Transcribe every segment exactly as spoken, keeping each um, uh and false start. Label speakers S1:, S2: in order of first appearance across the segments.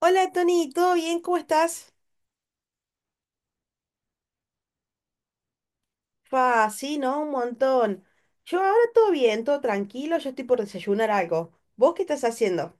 S1: Hola Tony, ¿todo bien? ¿Cómo estás? Fa, sí, ¿no? Un montón. Yo ahora todo bien, todo tranquilo, yo estoy por desayunar algo. ¿Vos qué estás haciendo?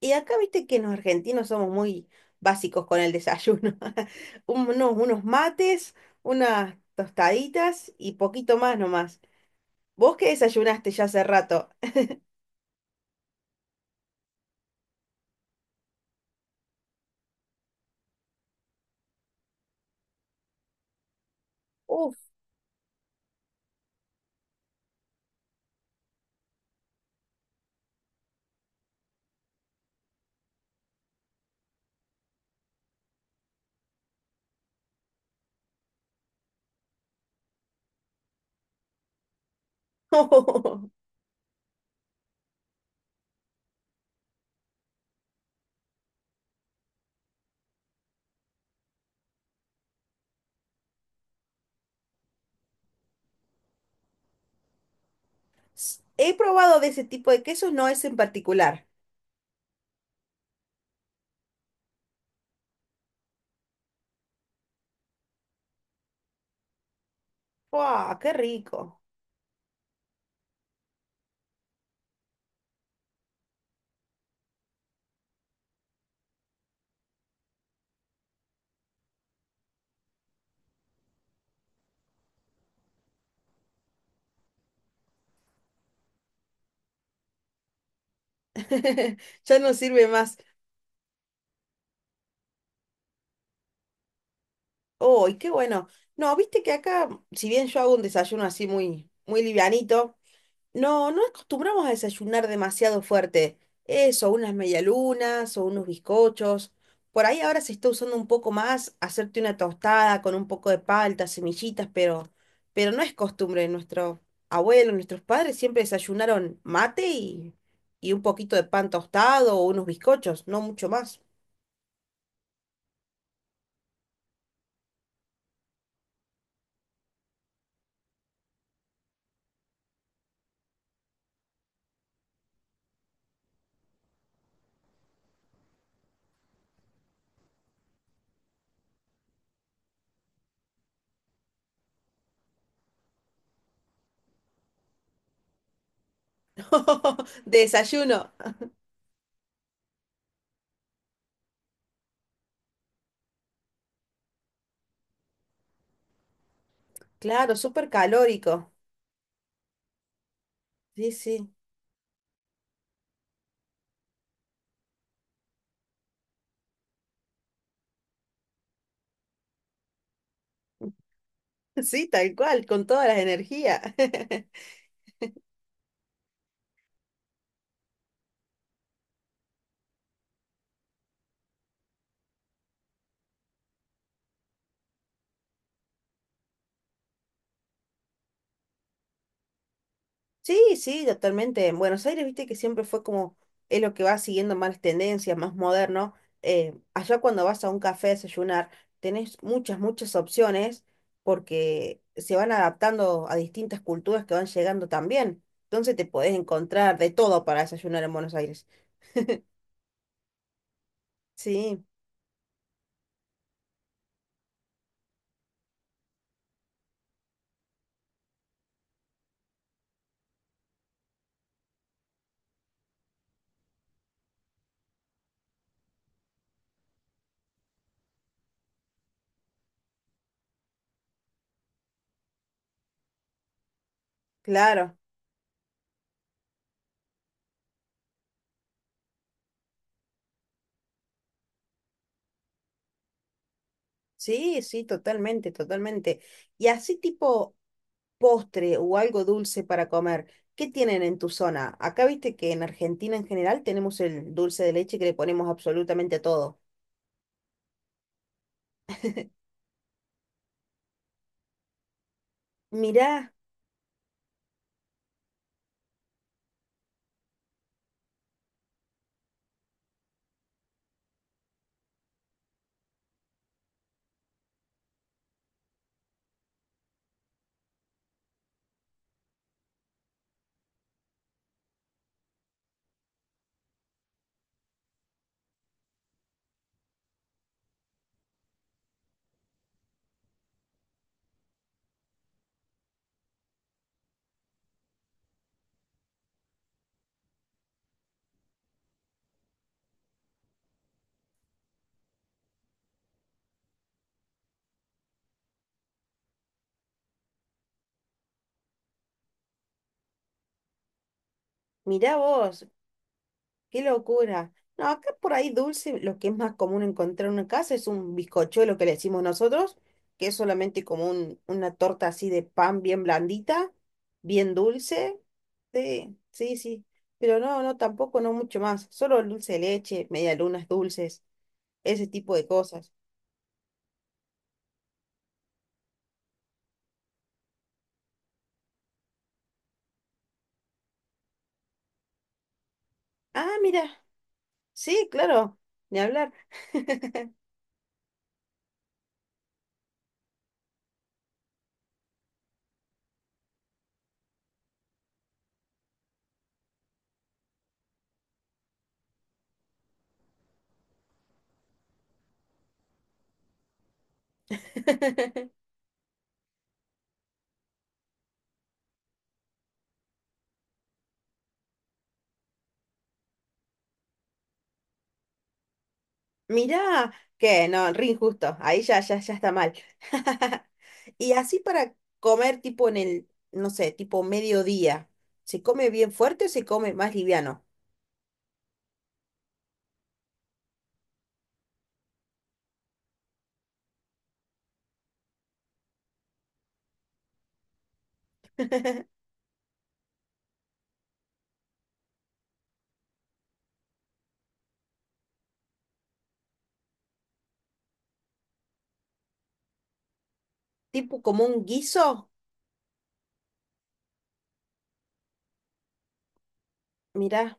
S1: Y acá viste que los argentinos somos muy básicos con el desayuno. Unos, unos mates, unas tostaditas y poquito más nomás. ¿Vos qué desayunaste ya hace rato? Uf. S- He probado de ese tipo de quesos, no es en particular. ¡Fua! ¡Qué rico! Ya no sirve más. Oh, y qué bueno. No, viste que acá, si bien yo hago un desayuno así muy, muy livianito, no, no acostumbramos a desayunar demasiado fuerte. Eso, unas medialunas o unos bizcochos. Por ahí ahora se está usando un poco más hacerte una tostada con un poco de palta, semillitas, pero, pero no es costumbre. Nuestro abuelo, nuestros padres siempre desayunaron mate y, y un poquito de pan tostado o unos bizcochos, no mucho más. De desayuno. Claro, súper calórico. Sí, sí. Sí, tal cual, con todas las energías. Sí, sí, totalmente. En Buenos Aires, viste que siempre fue como, es lo que va siguiendo más tendencias, más moderno. Eh, allá cuando vas a un café a desayunar, tenés muchas, muchas opciones porque se van adaptando a distintas culturas que van llegando también. Entonces te podés encontrar de todo para desayunar en Buenos Aires. Sí, claro. Sí, sí, totalmente, totalmente. Y así tipo postre o algo dulce para comer. ¿Qué tienen en tu zona? Acá viste que en Argentina en general tenemos el dulce de leche que le ponemos absolutamente a todo. Mirá, mirá vos, qué locura. No, acá por ahí dulce, lo que es más común encontrar en una casa es un bizcochuelo que le decimos nosotros, que es solamente como un- una torta así de pan bien blandita, bien dulce. Sí, sí, sí. Pero no, no, tampoco, no mucho más. Solo el dulce de leche, medialunas dulces, ese tipo de cosas. Ah, mira, sí, claro, ni hablar. Mira, que no, re injusto, ahí ya, ya, ya está mal. Y así para comer tipo en el, no sé, tipo mediodía, ¿se come bien fuerte o se come más liviano? Tipo como un guiso, mira.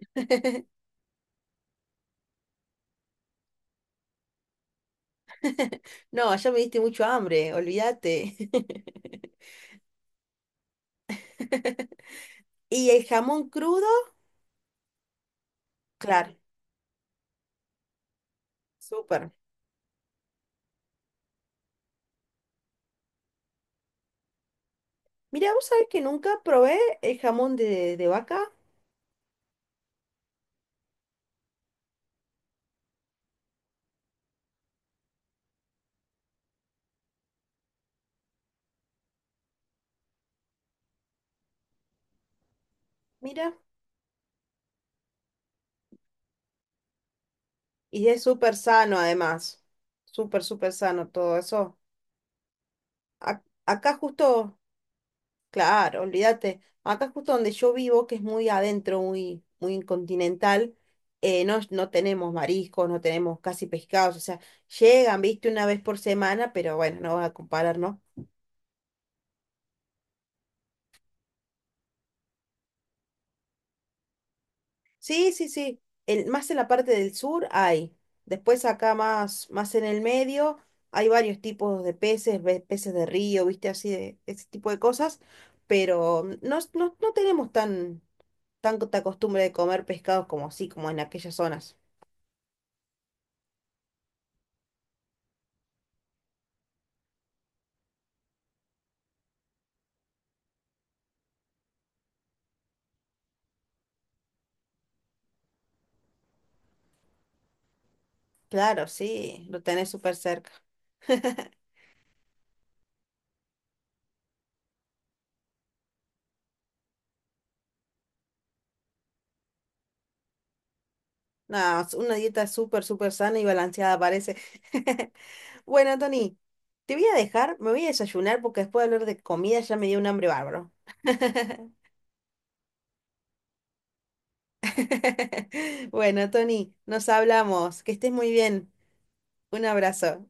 S1: No, ya me diste mucho hambre, olvídate. ¿Y el jamón crudo? Claro, súper. Mira, vos sabés que nunca probé el jamón de, de vaca, mira. Y es súper sano además, súper, súper sano todo eso. Ac- acá justo, claro, olvídate, acá justo donde yo vivo, que es muy adentro, muy, muy continental, eh, no, no tenemos mariscos, no tenemos casi pescados, o sea, llegan, viste, una vez por semana, pero bueno, no vas a comparar, ¿no? Sí, sí, sí. El, más en la parte del sur hay. Después acá más, más en el medio hay varios tipos de peces, ve- peces de río, viste, así de ese tipo de cosas. Pero no, no, no tenemos tan, tanta costumbre de comer pescados como así, como en aquellas zonas. Claro, sí, lo tenés súper cerca. No, es una dieta súper, súper sana y balanceada parece. Bueno, Tony, te voy a dejar, me voy a desayunar porque después de hablar de comida ya me dio un hambre bárbaro. Bueno, Tony, nos hablamos. Que estés muy bien. Un abrazo.